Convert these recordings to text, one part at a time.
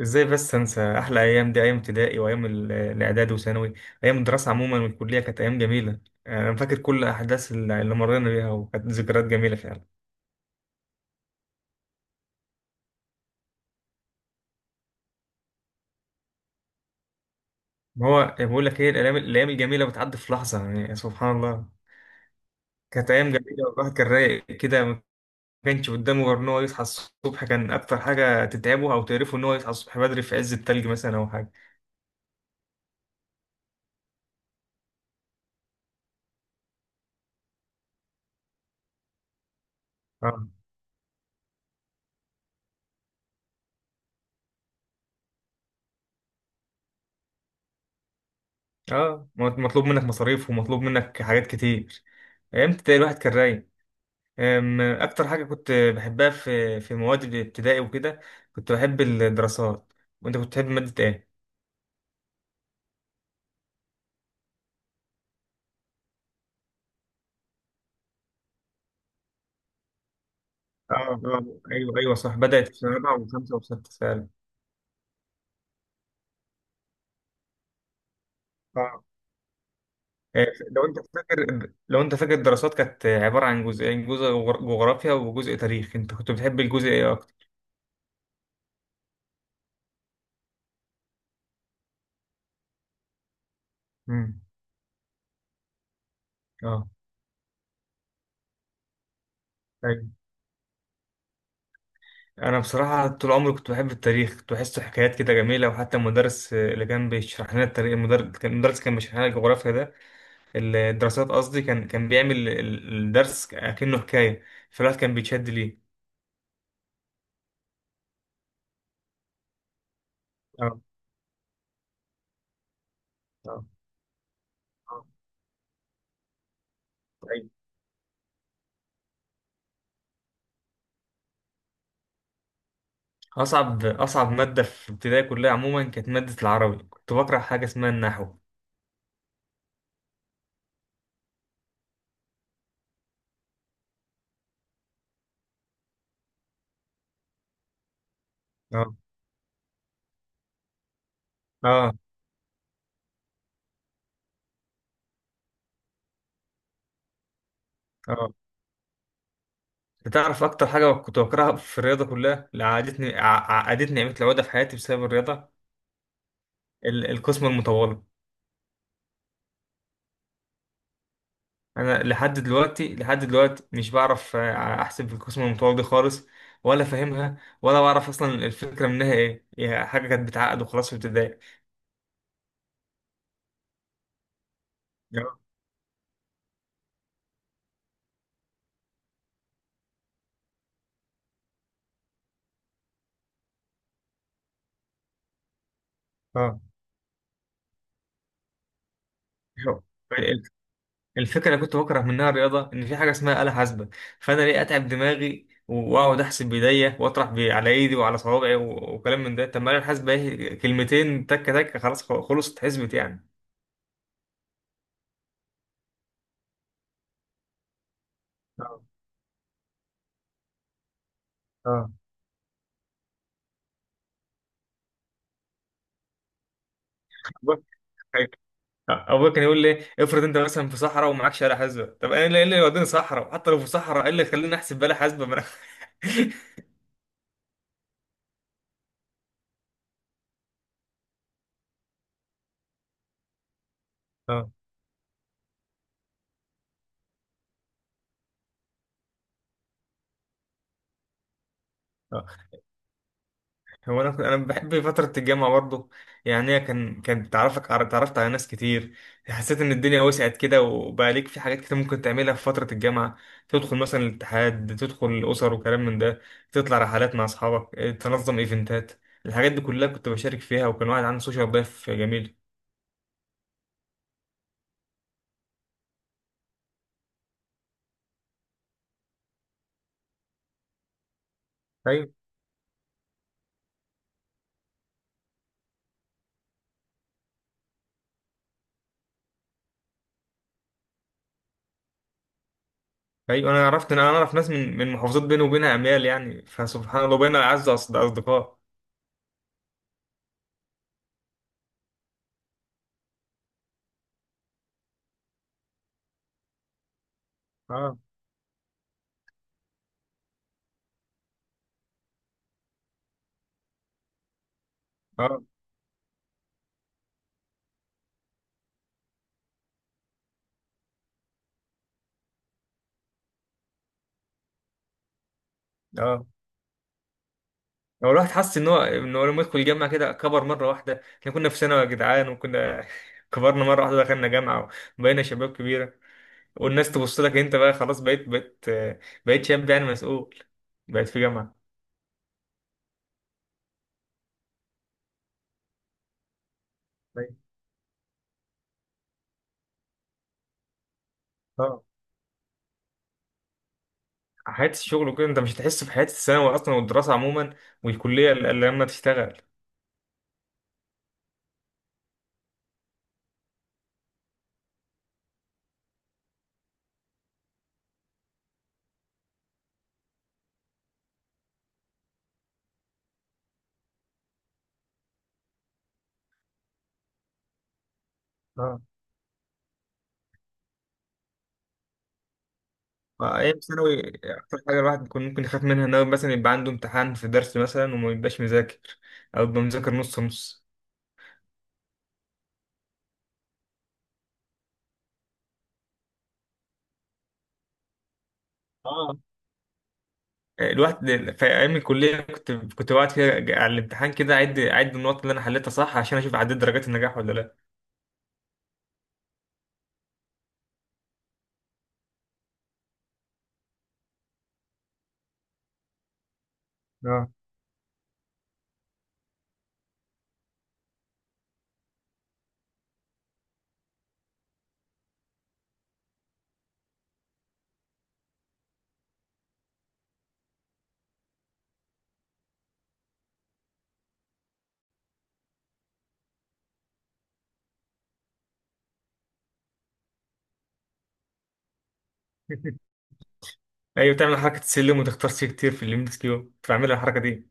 ازاي بس انسى احلى ايام، دي ايام ابتدائي وايام الاعداد وثانوي. ايام الدراسه عموما والكليه كانت ايام جميله. يعني انا فاكر كل احداث اللي مرينا بيها وكانت ذكريات جميله فعلا. ما هو بقول لك ايه، الايام الجميله بتعدي في لحظه، يعني سبحان الله. كانت ايام جميله والواحد كان رايق كده، ما كانش قدامه غير ان هو يصحى الصبح. كان اكتر حاجه تتعبه او تقرفه ان هو يصحى الصبح بدري في عز التلج مثلا او حاجه. اه. اه مطلوب منك مصاريف ومطلوب منك حاجات كتير. ايام ابتدائي الواحد كان رايق. أكتر حاجة كنت بحبها في مواد الابتدائي وكده كنت بحب الدراسات. وأنت كنت بتحب مادة إيه؟ آه آه. أيوه أيوه، صح، بدأت في سنة رابعة وخمسة وستة فعلا. آه. لو أنت فاكر، لو أنت فاكر، الدراسات كانت عبارة عن جزئين، جزء جغرافيا وجزء تاريخ. أنت كنت بتحب الجزء إيه أكتر؟ امم آه أيوه. أنا بصراحة طول عمري كنت بحب التاريخ، كنت بحسه حكايات كده جميلة. وحتى المدرس اللي كان بيشرح لنا التاريخ، المدرس كان، المدرس كان بيشرح لنا الجغرافيا ده، الدراسات قصدي، كان بيعمل الدرس كأنه حكاية، فالواحد كان بيتشد ليه. اه اه أيوة. أصعب مادة في ابتدائي كلها عموما كانت مادة العربي. كنت بكره حاجة اسمها النحو. اه اه اه. تعرف أكتر حاجة كنت بكرهها في الرياضة كلها، اللي عقدتني، عقدتني نعمة العقدة في حياتي بسبب الرياضة؟ القسمة المطولة. انا لحد دلوقتي، لحد دلوقتي مش بعرف احسب القسم المتطور دي خالص، ولا فاهمها ولا بعرف اصلا الفكره منها ايه. هي حاجه كانت بتعقد وخلاص في ابتدائي. اه آه. ال- الفكره اللي كنت بكره منها الرياضه ان في حاجه اسمها آلة حاسبه. فانا ليه اتعب دماغي واقعد احسب بايديا واطرح على ايدي وعلى صوابعي وكلام من ده؟ طب ما الآلة الحاسبه ايه، كلمتين تك تك خلاص، خلصت اتحسبت يعني. اه اه. ابويا كان يقول لي افرض انت مثلا في صحراء ومعكش آلة حاسبة. طب انا إيه اللي يوديني صحراء؟ حتى لو في صحراء، ايه اللي يخليني احسب بآلة حاسبة ما انا اه اه. هو انا، انا بحب فتره الجامعه برضو. يعني هي كان تعرفك، تعرفت على ناس كتير، حسيت ان الدنيا وسعت كده، وبقى ليك في حاجات كتير ممكن تعملها في فتره الجامعه. تدخل مثلا الاتحاد، تدخل الاسر وكلام من ده، تطلع رحلات مع اصحابك، تنظم ايفنتات. الحاجات دي كلها كنت بشارك فيها، وكان واحد عنده سوشيال لايف جميل. ايوه. ايوه انا عرفت، انا اعرف ناس من محافظات بيني وبينها اميال يعني، فسبحان الله بينا اعز اصدقاء. اه اه اه. هو الواحد حس ان هو، ان هو لما يدخل الجامعه كده كبر مره واحده. احنا كنا في ثانوي يا جدعان وكنا كبرنا مره واحده دخلنا جامعه وبقينا شباب كبيره. والناس تبص لك، انت بقى خلاص بقيت، بقيت شاب يعني مسؤول، بقيت في جامعه. أيوة. اه، حياه الشغل وكده، انت مش هتحس في حياه الثانوي اصلا والدراسه عموما والكليه الا لما تشتغل. ايام ثانوي اكتر حاجه الواحد بيكون ممكن يخاف منها ان هو مثلا يبقى عنده امتحان في درس مثلا وما يبقاش مذاكر، او يبقى مذاكر نص نص. اه. الواحد في ايام الكليه كنت بقعد كده على الامتحان كده، اعد، اعد النقط اللي انا حليتها صح، عشان اشوف عديت درجات النجاح ولا لا. اه. ايوه، تعمل حركه السلم وتختار سي كتير في الام اس كيو. كنت بعمل الحركه دي.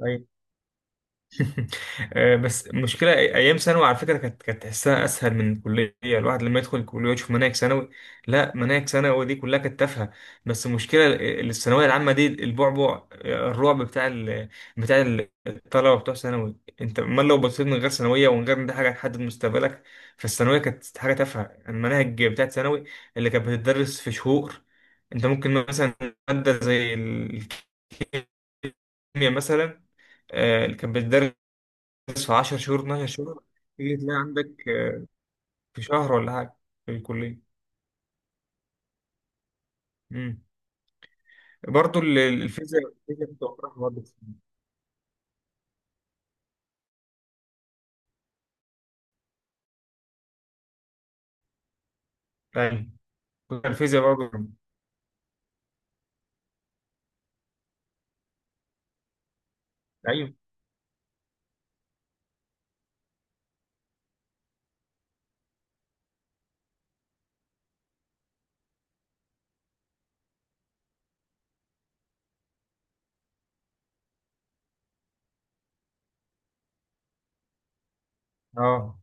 اه. بس المشكلة، أيام ثانوي على فكرة كانت تحسها أسهل من الكلية. الواحد لما يدخل الكلية ويشوف مناهج ثانوي، لا مناهج ثانوي دي كلها كانت تافهة. بس المشكلة الثانوية العامة دي البعبع، الرعب بتاع بتاع الطلبة بتوع ثانوي. أنت أمال لو بصيت من غير ثانوية ومن غير إن دي حاجة هتحدد مستقبلك، فالثانوية كانت حاجة تافهة. المناهج بتاعت ثانوي اللي كانت بتدرس في شهور، أنت ممكن مثلا مادة زي الكيمياء مثلا اللي كانت بتدرس في 10 شهور، 12 شهور، تيجي تلاقي عندك في شهر ولا حاجة في الكلية. امم برضه الفيزياء، الفيزياء بتوقعها برضه. ايوه، الفيزياء برضه. ايوه. اه.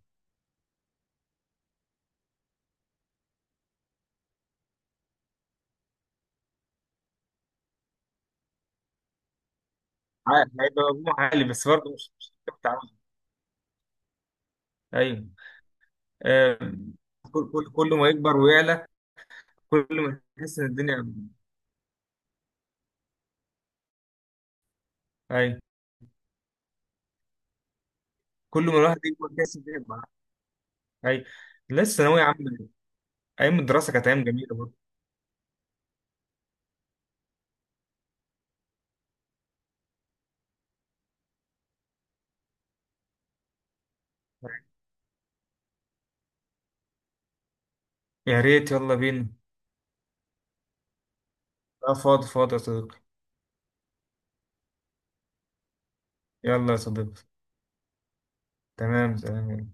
هيبقى مجموع عالي بس برضه مش هتعرف تعمل. ايوه. آم، كل ما يكبر ويعلى، كل ما يحس ان الدنيا. ايوه، كل ما الواحد يكبر يحس ان الدنيا معاه. ايوه، لسه ثانوية عامة. ايام الدراسة كانت ايام جميلة برضه. يا ريت، يلا بينا. اه، فاضي فاضي يا صديقي. يلا يا صديقي. تمام تمام.